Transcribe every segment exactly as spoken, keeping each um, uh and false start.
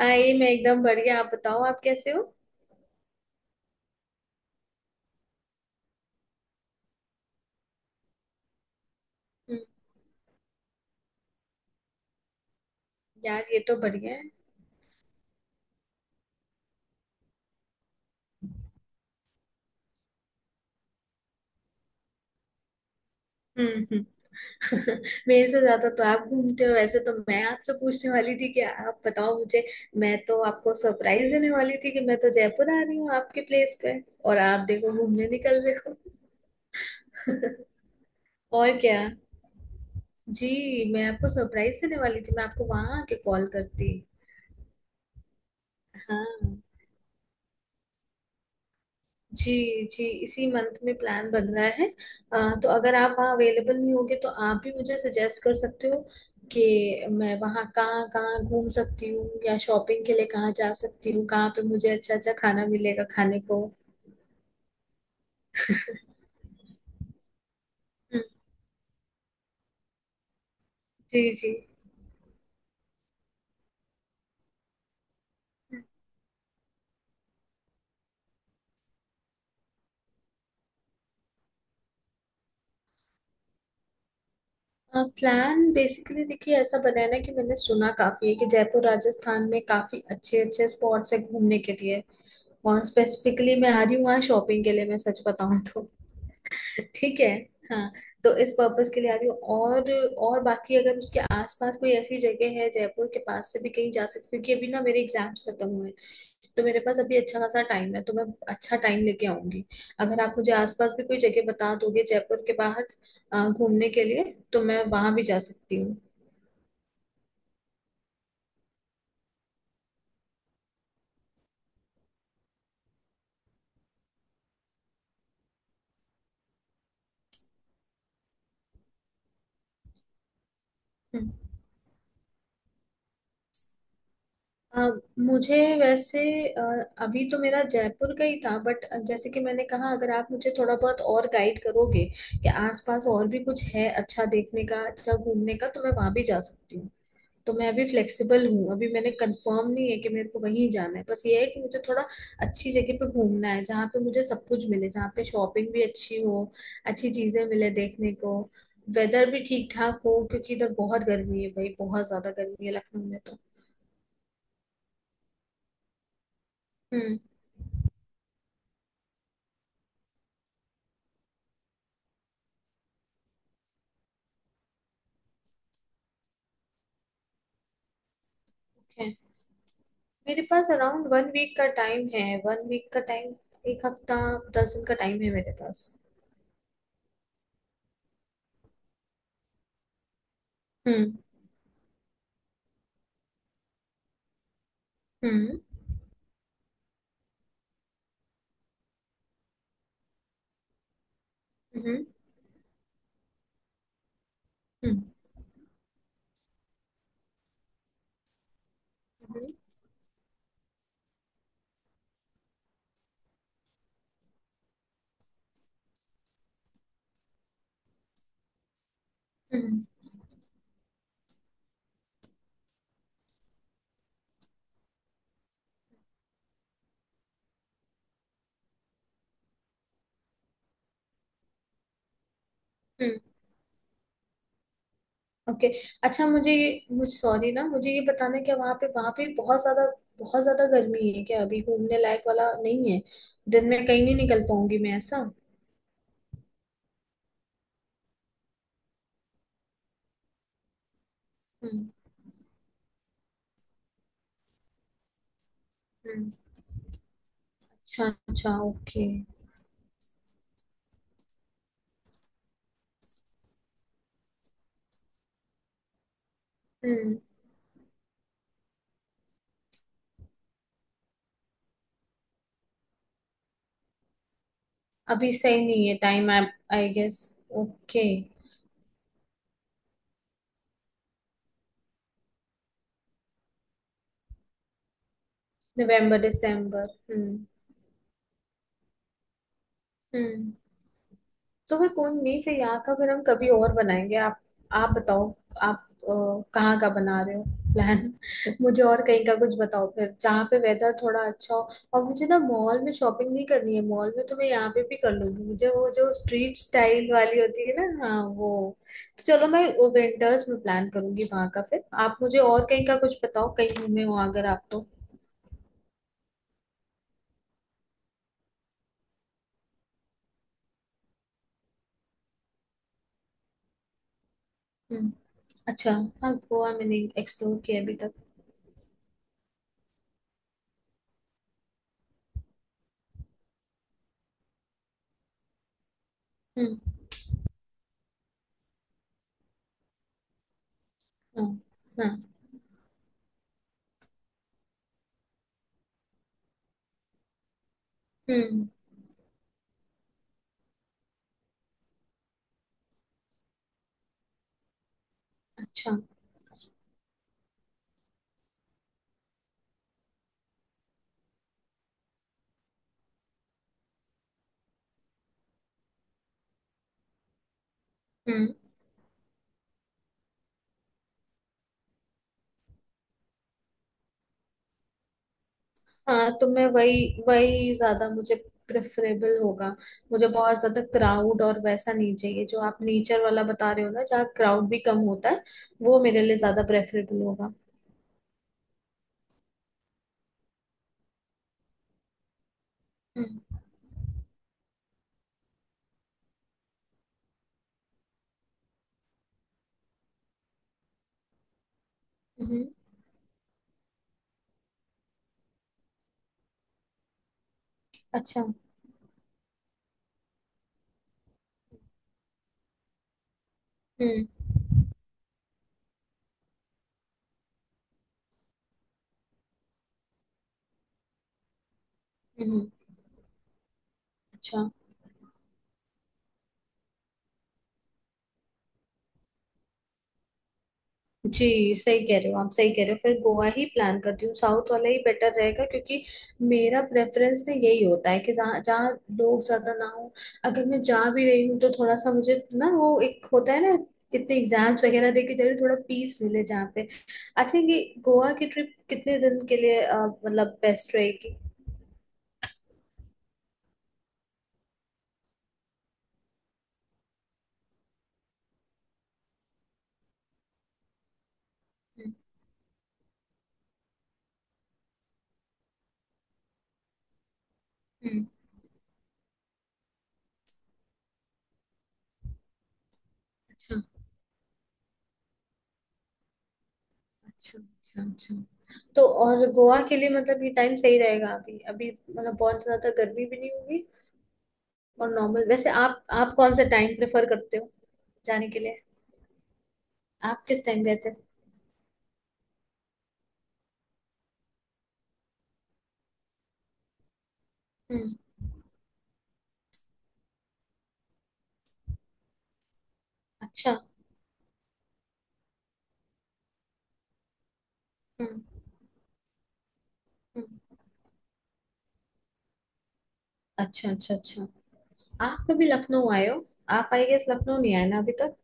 आई, मैं एकदम बढ़िया। आप बताओ आप कैसे हो। हम्म। यार ये तो बढ़िया है। हम्म, हम्म। मेरे से ज्यादा तो आप घूमते हो, वैसे तो मैं आपसे पूछने वाली थी कि आप बताओ मुझे। मैं तो आपको सरप्राइज देने वाली थी कि मैं तो जयपुर आ रही हूँ आपके प्लेस पे, और आप देखो घूमने निकल रहे हो। और क्या। जी। मैं आपको सरप्राइज देने वाली थी, मैं आपको वहां आके कॉल करती। हाँ। जी। जी, इसी मंथ में प्लान बन रहा है। अ, तो अगर आप वहाँ अवेलेबल नहीं होंगे तो आप भी मुझे सजेस्ट कर सकते हो कि मैं वहाँ कहाँ कहाँ घूम सकती हूँ, या शॉपिंग के लिए कहाँ जा सकती हूँ, कहाँ पे मुझे अच्छा अच्छा खाना मिलेगा खाने को। हम्म। जी, जी। प्लान बेसिकली देखिए ऐसा बना है ना, कि मैंने सुना काफी है कि जयपुर राजस्थान में काफी अच्छे अच्छे स्पॉट्स है घूमने के लिए, और स्पेसिफिकली मैं आ रही हूँ वहाँ शॉपिंग के लिए, मैं सच बताऊँ तो। ठीक है। हाँ। तो इस पर्पस के लिए आ रही हूँ, और और बाकी अगर उसके आसपास कोई ऐसी जगह है जयपुर के पास से भी कहीं जा सकती हूँ, क्योंकि अभी ना मेरे एग्जाम्स खत्म हुए हैं, तो मेरे पास अभी अच्छा खासा टाइम है, तो मैं अच्छा टाइम लेके आऊंगी। अगर आप मुझे आसपास भी कोई जगह बता दोगे जयपुर के बाहर अ, घूमने के लिए, तो मैं वहां भी जा सकती हूँ। हम्म। अ, मुझे वैसे अ, अभी तो मेरा जयपुर का ही था, बट जैसे कि मैंने कहा, अगर आप मुझे थोड़ा बहुत और गाइड करोगे कि आसपास और भी कुछ है अच्छा देखने का, अच्छा घूमने का, तो मैं वहां भी जा सकती हूँ। तो मैं अभी फ्लेक्सिबल हूँ, अभी मैंने कंफर्म नहीं है कि मेरे को वहीं जाना है, बस ये है कि मुझे थोड़ा अच्छी जगह पे घूमना है, जहाँ पे मुझे सब कुछ मिले, जहाँ पे शॉपिंग भी अच्छी हो, अच्छी चीजें मिले देखने को। वेदर भी ठीक ठाक हो, क्योंकि इधर बहुत गर्मी है भाई, बहुत ज्यादा गर्मी है लखनऊ में तो। हम्म। है। मेरे पास अराउंड वन वीक का टाइम है, वन वीक का टाइम, एक हफ्ता, दस दिन का टाइम है मेरे पास। हम्म, हम्म, हम्म, हम्म, हम्म, हम्म। ओके। अच्छा, मुझे ये मुझे सॉरी ना, मुझे ये बताना है, क्या वहाँ पे वहाँ पे बहुत ज्यादा बहुत ज्यादा गर्मी है, क्या अभी घूमने लायक वाला नहीं है? दिन में कहीं नहीं निकल पाऊंगी मैं ऐसा? हम्म, हम्म। अच्छा, अच्छा, ओके। हम्म। अभी सही नहीं है time, I I guess. Okay. नवंबर दिसंबर। हम्म, हम्म। तो फिर कोई नहीं, फिर यहाँ का फिर हम कभी और बनाएंगे। आप आप बताओ आप अ, कहाँ का बना रहे हो प्लान? मुझे और कहीं का कुछ बताओ फिर, जहाँ पे वेदर थोड़ा अच्छा हो। और मुझे ना मॉल में शॉपिंग नहीं करनी है, मॉल में तो मैं यहाँ पे भी कर लूंगी, मुझे वो जो स्ट्रीट स्टाइल वाली होती है ना, हाँ वो। तो चलो, मैं वो विंटर्स में प्लान करूंगी वहाँ का, फिर आप मुझे और कहीं का कुछ बताओ, कहीं घूमे हो अगर आप तो। हम्म। अच्छा। हाँ, गोवा मैंने एक्सप्लोर किया अभी तक। हम्म। हाँ, हाँ। हम्म। अच्छा। हम्म। हाँ, तो मैं वही वही ज्यादा मुझे प्रेफरेबल होगा। मुझे बहुत ज्यादा क्राउड और वैसा नहीं चाहिए, जो आप नेचर वाला बता रहे हो ना, जहाँ क्राउड भी कम होता है, वो मेरे लिए ज्यादा प्रेफरेबल होगा। हम्म, हम्म। अच्छा। हम्म, हम्म। अच्छा। जी, सही कह रहे हो आप, सही कह रहे हो, फिर गोवा ही प्लान करती हूँ, साउथ वाला ही बेटर रहेगा, क्योंकि मेरा प्रेफरेंस ना यही होता है कि जहाँ जहाँ लोग ज्यादा ना हो, अगर मैं जा भी रही हूँ तो थोड़ा सा मुझे, ना वो एक होता है ना, इतने एग्जाम्स वगैरह दे के जरूर थोड़ा पीस मिले जहाँ पे। अच्छा, ये गोवा की ट्रिप कितने दिन के लिए अ, मतलब बेस्ट रहेगी? हम्म, हम्म। अच्छा, अच्छा, अच्छा, अच्छा। तो और गोवा के लिए मतलब ये टाइम सही रहेगा अभी, अभी मतलब बहुत ज्यादा गर्मी भी नहीं होगी? और नॉर्मल वैसे आप आप कौन सा टाइम प्रेफर करते हो जाने के लिए? आप किस टाइम गए थे? हम्म। अच्छा। हम्म, हम्म। अच्छा, अच्छा, अच्छा। आप कभी लखनऊ आए हो? आप आई गेस लखनऊ नहीं आए ना अभी तक?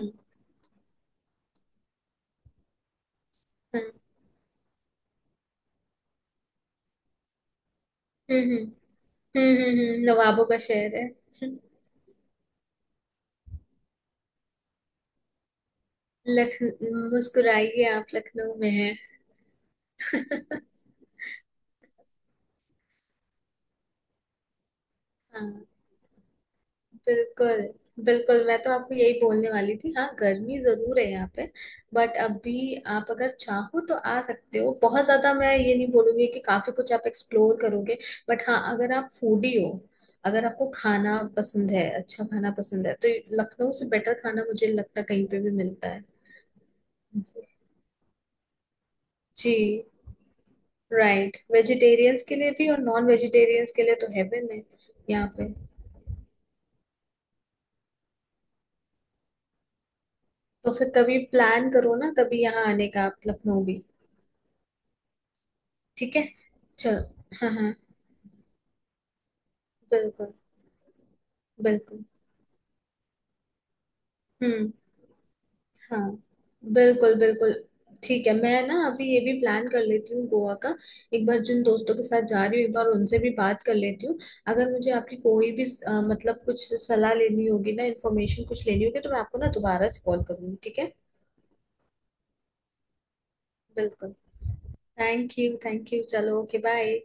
हम्म, हम्म, हम्म, हम्म, हम्म, हम्म। नवाबों का शहर है। लख मुस्कुराइए, आप लखनऊ में हैं। हाँ, बिल्कुल बिल्कुल, मैं तो आपको यही बोलने वाली थी, हाँ गर्मी जरूर है यहाँ पे, बट अभी आप अगर चाहो तो आ सकते हो, बहुत ज्यादा मैं ये नहीं बोलूंगी कि काफी कुछ आप एक्सप्लोर करोगे, बट हाँ अगर आप फूडी हो, अगर आपको खाना पसंद है, अच्छा खाना पसंद है, तो लखनऊ से बेटर खाना मुझे लगता है कहीं पे भी मिलता है। जी। राइट। वेजिटेरियंस के लिए भी और नॉन वेजिटेरियंस के लिए तो हेवन है यहाँ पे। तो फिर कभी प्लान करो ना कभी यहाँ आने का, आप लखनऊ भी। ठीक है। चलो। हाँ, हाँ, बिल्कुल बिल्कुल। हम्म। हाँ, बिल्कुल बिल्कुल। ठीक है, मैं ना अभी ये भी प्लान कर लेती हूँ गोवा का, एक बार जिन दोस्तों के साथ जा रही हूँ एक बार उनसे भी बात कर लेती हूँ। अगर मुझे आपकी कोई भी अ, मतलब कुछ सलाह लेनी होगी ना, इन्फॉर्मेशन कुछ लेनी होगी, तो मैं आपको ना दोबारा से कॉल करूँगी, ठीक है? बिल्कुल। Thank you, thank you. चलो, ओके। बाय।